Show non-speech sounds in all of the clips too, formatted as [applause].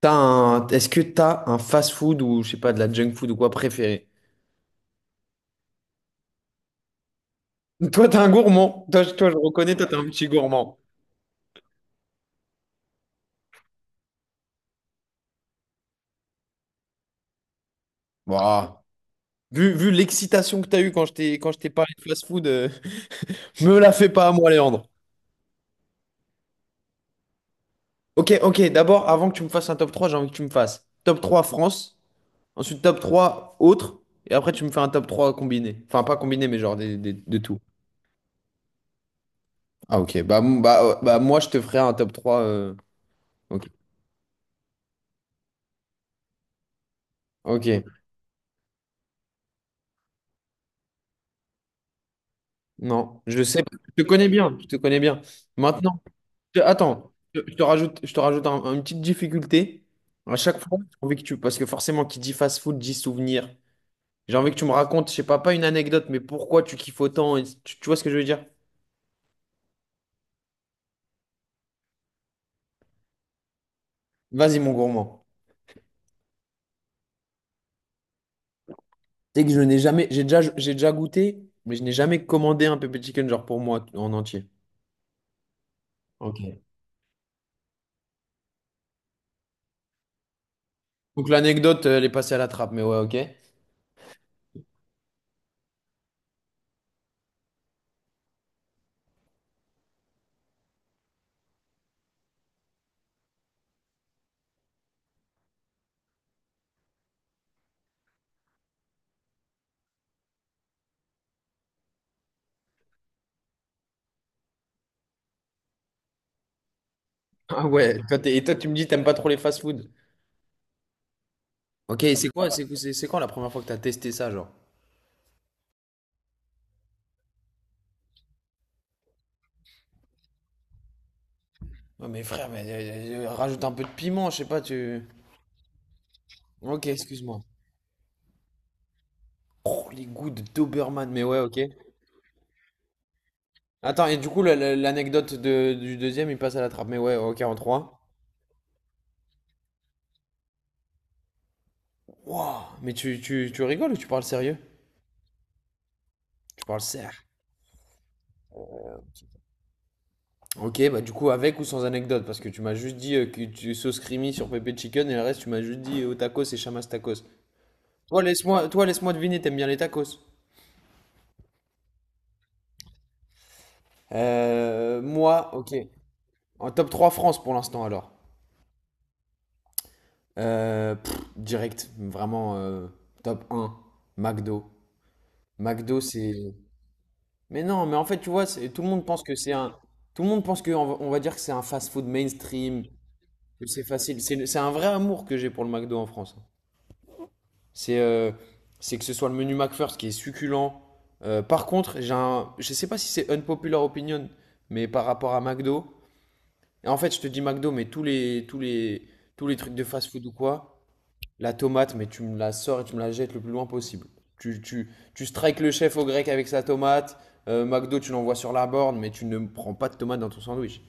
Est-ce que t'as un fast-food ou je sais pas de la junk food ou quoi préféré? Toi, t'es un gourmand. Toi, je reconnais, toi, t'es un petit gourmand. Bah, vu l'excitation que t'as eue quand je t'ai parlé de fast-food, [laughs] me la fais pas à moi, Léandre. Ok, ok. D'abord, avant que tu me fasses un top 3, j'ai envie que tu me fasses top 3 France, ensuite top 3 autres, et après tu me fais un top 3 combiné. Enfin, pas combiné, mais genre de tout. Ah ok, bah, bah, bah moi je te ferai un top 3. Ok. Ok. Non, je sais, je te connais bien, je te connais bien. Maintenant, attends, je te rajoute, je te rajoute une petite difficulté. À chaque fois, j'ai envie que tu, parce que forcément, qui dit fast-food dit souvenir. J'ai envie que tu me racontes, je sais pas, pas une anecdote, mais pourquoi tu kiffes autant, et tu vois ce que je veux dire? Vas-y, mon gourmand. Tu que je n'ai jamais, j'ai déjà goûté, mais je n'ai jamais commandé un pepper chicken genre pour moi en entier. Ok. Donc l'anecdote, elle est passée à la trappe, mais ouais, ok. Ah ouais, toi, et toi, tu me dis, t'aimes pas trop les fast-food. Ok, c'est quoi, c'est quand la première fois que t'as testé ça, genre? Ouais, mais frère, mais rajoute un peu de piment, je sais pas, tu. Ok, excuse-moi. Oh, les goûts de Doberman, mais ouais, ok. Attends, et du coup, l'anecdote du deuxième, il passe à la trappe, mais ouais, ok, en trois. Wow, mais tu rigoles ou tu parles sérieux? Tu parles serre. Ok, bah du coup, avec ou sans anecdote, parce que tu m'as juste dit que tu sauces creamy sur pépé chicken et le reste, tu m'as juste dit au tacos et chamas tacos. Toi, laisse-moi deviner, t'aimes bien les tacos? Moi, ok. En top 3 France pour l'instant alors. Direct, vraiment top un McDo. McDo c'est... Mais non, mais en fait tu vois, tout le monde pense que c'est un... Tout le monde pense que, on va dire que c'est un fast-food mainstream, que c'est facile. C'est un vrai amour que j'ai pour le McDo en France. C'est euh, c'est que ce soit le menu McFirst qui est succulent. Par contre, j'ai un... je sais pas si c'est unpopular opinion, mais par rapport à McDo, en fait je te dis McDo, mais tous les trucs de fast-food ou quoi. La tomate, mais tu me la sors et tu me la jettes le plus loin possible. Tu strikes le chef au grec avec sa tomate. McDo, tu l'envoies sur la borne, mais tu ne prends pas de tomate dans ton sandwich.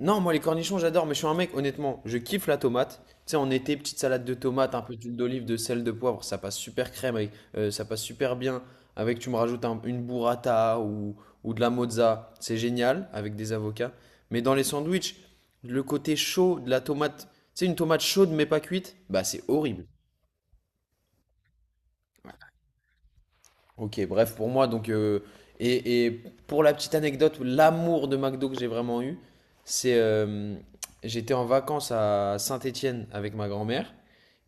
Non, moi les cornichons, j'adore, mais je suis un mec, honnêtement, je kiffe la tomate. Tu sais, en été, petite salade de tomate, un peu d'huile d'olive, de sel, de poivre, ça passe super crème, avec, ça passe super bien. Avec, tu me rajoutes une burrata ou de la mozza, c'est génial, avec des avocats. Mais dans les sandwichs, le côté chaud de la tomate, tu sais, une tomate chaude mais pas cuite, bah c'est horrible. Ok, bref, pour moi, donc, et pour la petite anecdote, l'amour de McDo que j'ai vraiment eu, c'est j'étais en vacances à Saint-Étienne avec ma grand-mère,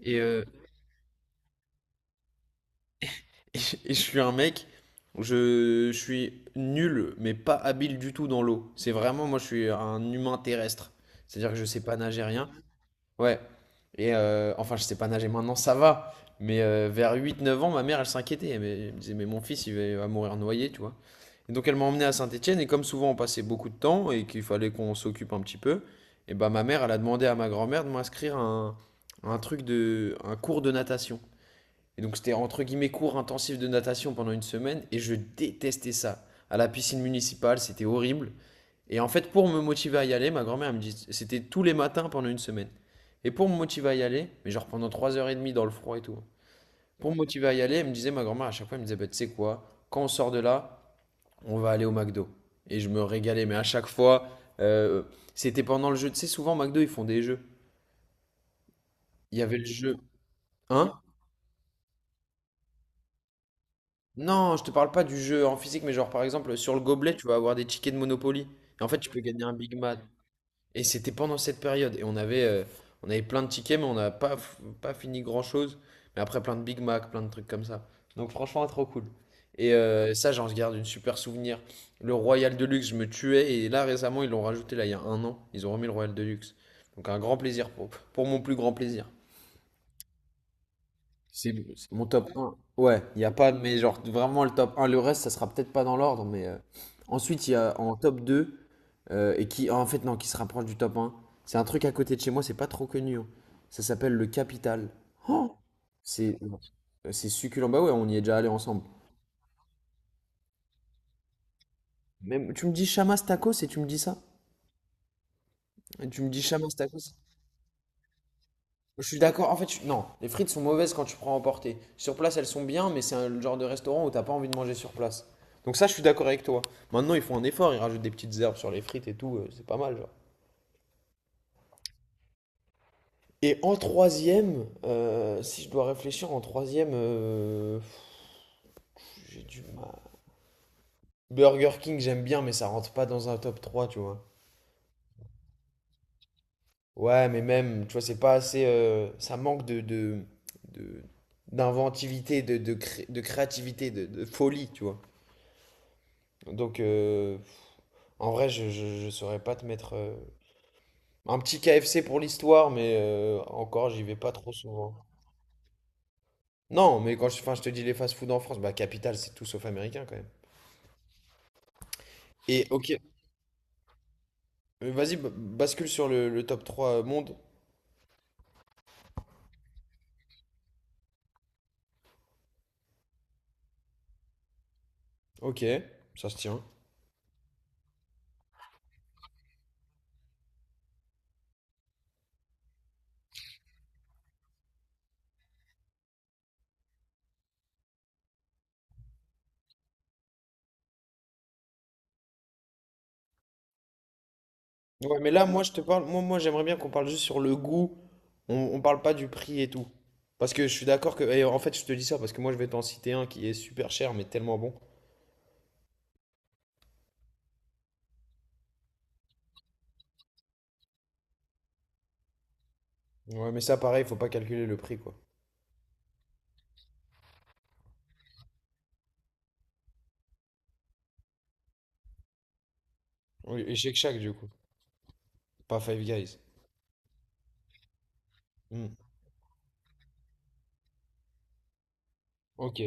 et, euh, [laughs] et je suis un mec, je suis nul, mais pas habile du tout dans l'eau. C'est vraiment, moi, je suis un humain terrestre, c'est-à-dire que je sais pas nager rien. Ouais. Et enfin, je sais pas nager maintenant, ça va. Mais vers 8 9 ans, ma mère, elle s'inquiétait. Elle me disait, mais mon fils, il va mourir noyé, tu vois. Et donc, elle m'a emmené à Saint-Étienne. Et comme souvent, on passait beaucoup de temps et qu'il fallait qu'on s'occupe un petit peu, et bah, ma mère, elle a demandé à ma grand-mère de m'inscrire à un, truc de, un cours de natation. Et donc c'était entre guillemets cours intensif de natation pendant une semaine et je détestais ça. À la piscine municipale, c'était horrible. Et en fait, pour me motiver à y aller, ma grand-mère elle me dit, c'était tous les matins pendant une semaine. Et pour me motiver à y aller, mais genre pendant 3 heures et demie dans le froid et tout, hein. Pour me motiver à y aller, elle me disait, ma grand-mère à chaque fois, elle me disait, bah, tu sais quoi, quand on sort de là, on va aller au McDo. Et je me régalais, mais à chaque fois, euh, c'était pendant le jeu. Tu sais, souvent, au McDo, ils font des jeux. Il y avait le jeu. Hein? Non, je te parle pas du jeu en physique, mais genre par exemple sur le gobelet, tu vas avoir des tickets de Monopoly. Et en fait, tu peux gagner un Big Mac. Et c'était pendant cette période. Et on avait plein de tickets, mais on n'a pas, pas fini grand-chose. Mais après, plein de Big Mac, plein de trucs comme ça. Donc franchement, trop cool. Et ça, j'en garde une super souvenir. Le Royal Deluxe, je me tuais. Et là, récemment, ils l'ont rajouté, là, il y a un an. Ils ont remis le Royal Deluxe. Donc un grand plaisir pour, mon plus grand plaisir. C'est mon top un. Ouais, il n'y a pas, mais genre vraiment le top un. Le reste, ça sera peut-être pas dans l'ordre, mais ensuite, il y a en top deux, et qui, en fait, non, qui se rapproche du top un. C'est un truc à côté de chez moi, c'est pas trop connu, hein. Ça s'appelle le Capital. Oh, c'est succulent. Bah ouais, on y est déjà allé ensemble. Même, tu me dis Chamas Tacos et tu me dis ça? Et tu me dis Chamas Tacos? Je suis d'accord. En fait, non, les frites sont mauvaises quand tu prends à emporter. Sur place, elles sont bien, mais c'est un le genre de restaurant où t'as pas envie de manger sur place. Donc ça, je suis d'accord avec toi. Maintenant, ils font un effort, ils rajoutent des petites herbes sur les frites et tout, c'est pas mal, genre. Et en troisième, si je dois réfléchir, en troisième, j'ai du mal. Burger King, j'aime bien, mais ça rentre pas dans un top trois, tu vois. Ouais, mais même, tu vois, c'est pas assez. Ça manque de- d'inventivité, de créativité, de folie, tu vois. Donc, en vrai, je saurais pas te mettre. Un petit KFC pour l'histoire, mais encore, j'y vais pas trop souvent. Non, mais quand je, enfin, je te dis les fast-food en France, bah Capital, c'est tout sauf américain quand même. Et ok, vas-y, bascule sur le, top 3 monde. Ok, ça se tient. Ouais, mais là, moi, je te parle. moi j'aimerais bien qu'on parle juste sur le goût. On parle pas du prix et tout. Parce que je suis d'accord que, et en fait, je te dis ça parce que moi, je vais t'en citer un qui est super cher, mais tellement bon. Ouais, mais ça, pareil, faut pas calculer le prix, quoi. Oui, et Shake Shack, du coup. Pas Five Guys. Hmm. Ok.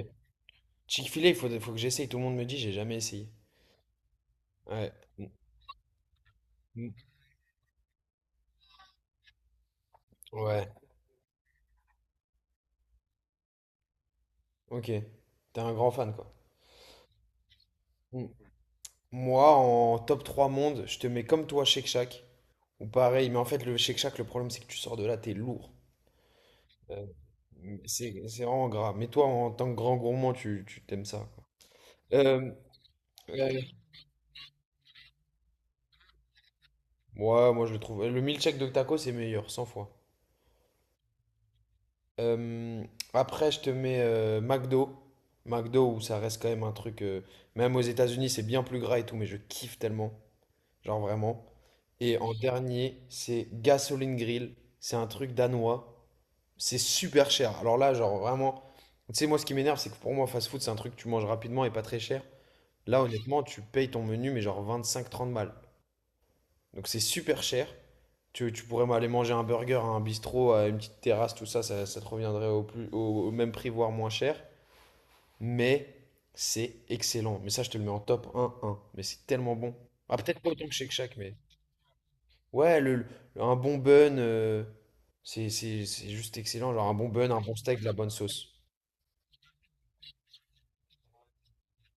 Chick-fil-A, faut que j'essaye. Tout le monde me dit, j'ai jamais essayé. Ouais. Mm, mm, ouais. Ok. T'es un grand fan, quoi. Mm. Moi, en top 3 monde, je te mets comme toi, Shake Shack. Ou pareil, mais en fait, le Shake Shack, le problème, c'est que tu sors de là, t'es lourd. Euh, c'est vraiment gras. Mais toi, en tant que grand gourmand, tu t'aimes ça, quoi. Euh, euh, ouais, moi, je le trouve. Le milkshake de taco, c'est meilleur, 100 fois. Euh, Après, je te mets McDo. McDo, où ça reste quand même un truc. Même aux États-Unis, c'est bien plus gras et tout, mais je kiffe tellement. Genre vraiment. Et en dernier, c'est Gasoline Grill. C'est un truc danois. C'est super cher. Alors là, genre vraiment. Tu sais, moi, ce qui m'énerve, c'est que pour moi, fast food, c'est un truc que tu manges rapidement et pas très cher. Là, honnêtement, tu payes ton menu, mais genre 25 30 balles. Donc c'est super cher. Tu pourrais aller manger un burger à un bistrot, à une petite terrasse, tout ça te reviendrait au, plus, au même prix, voire moins cher. Mais c'est excellent. Mais ça, je te le mets en top un. Mais c'est tellement bon. Ah, peut-être pas autant que Shake Shack, mais. Ouais, un bon bun, c'est juste excellent. Genre un bon bun, un bon steak, de la bonne sauce.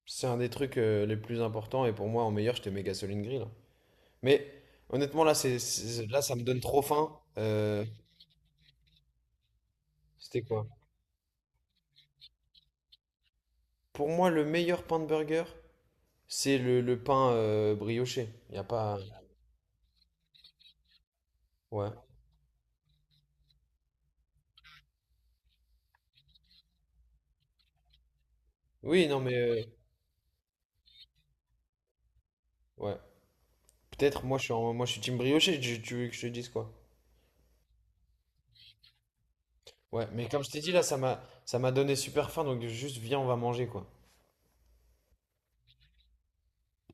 C'est un des trucs, les plus importants. Et pour moi, en meilleur, je te mets Gasoline Grill. Mais honnêtement, là, là ça me donne trop faim. C'était quoi? Pour moi, le meilleur pain de burger, c'est le pain brioché. Il a pas. Ouais. Oui, non, mais, ouais. Peut-être, moi, moi, je suis team brioché. Tu veux que je te dise quoi? Ouais, mais comme je t'ai dit, là, ça m'a donné super faim, donc juste viens, on va manger, quoi.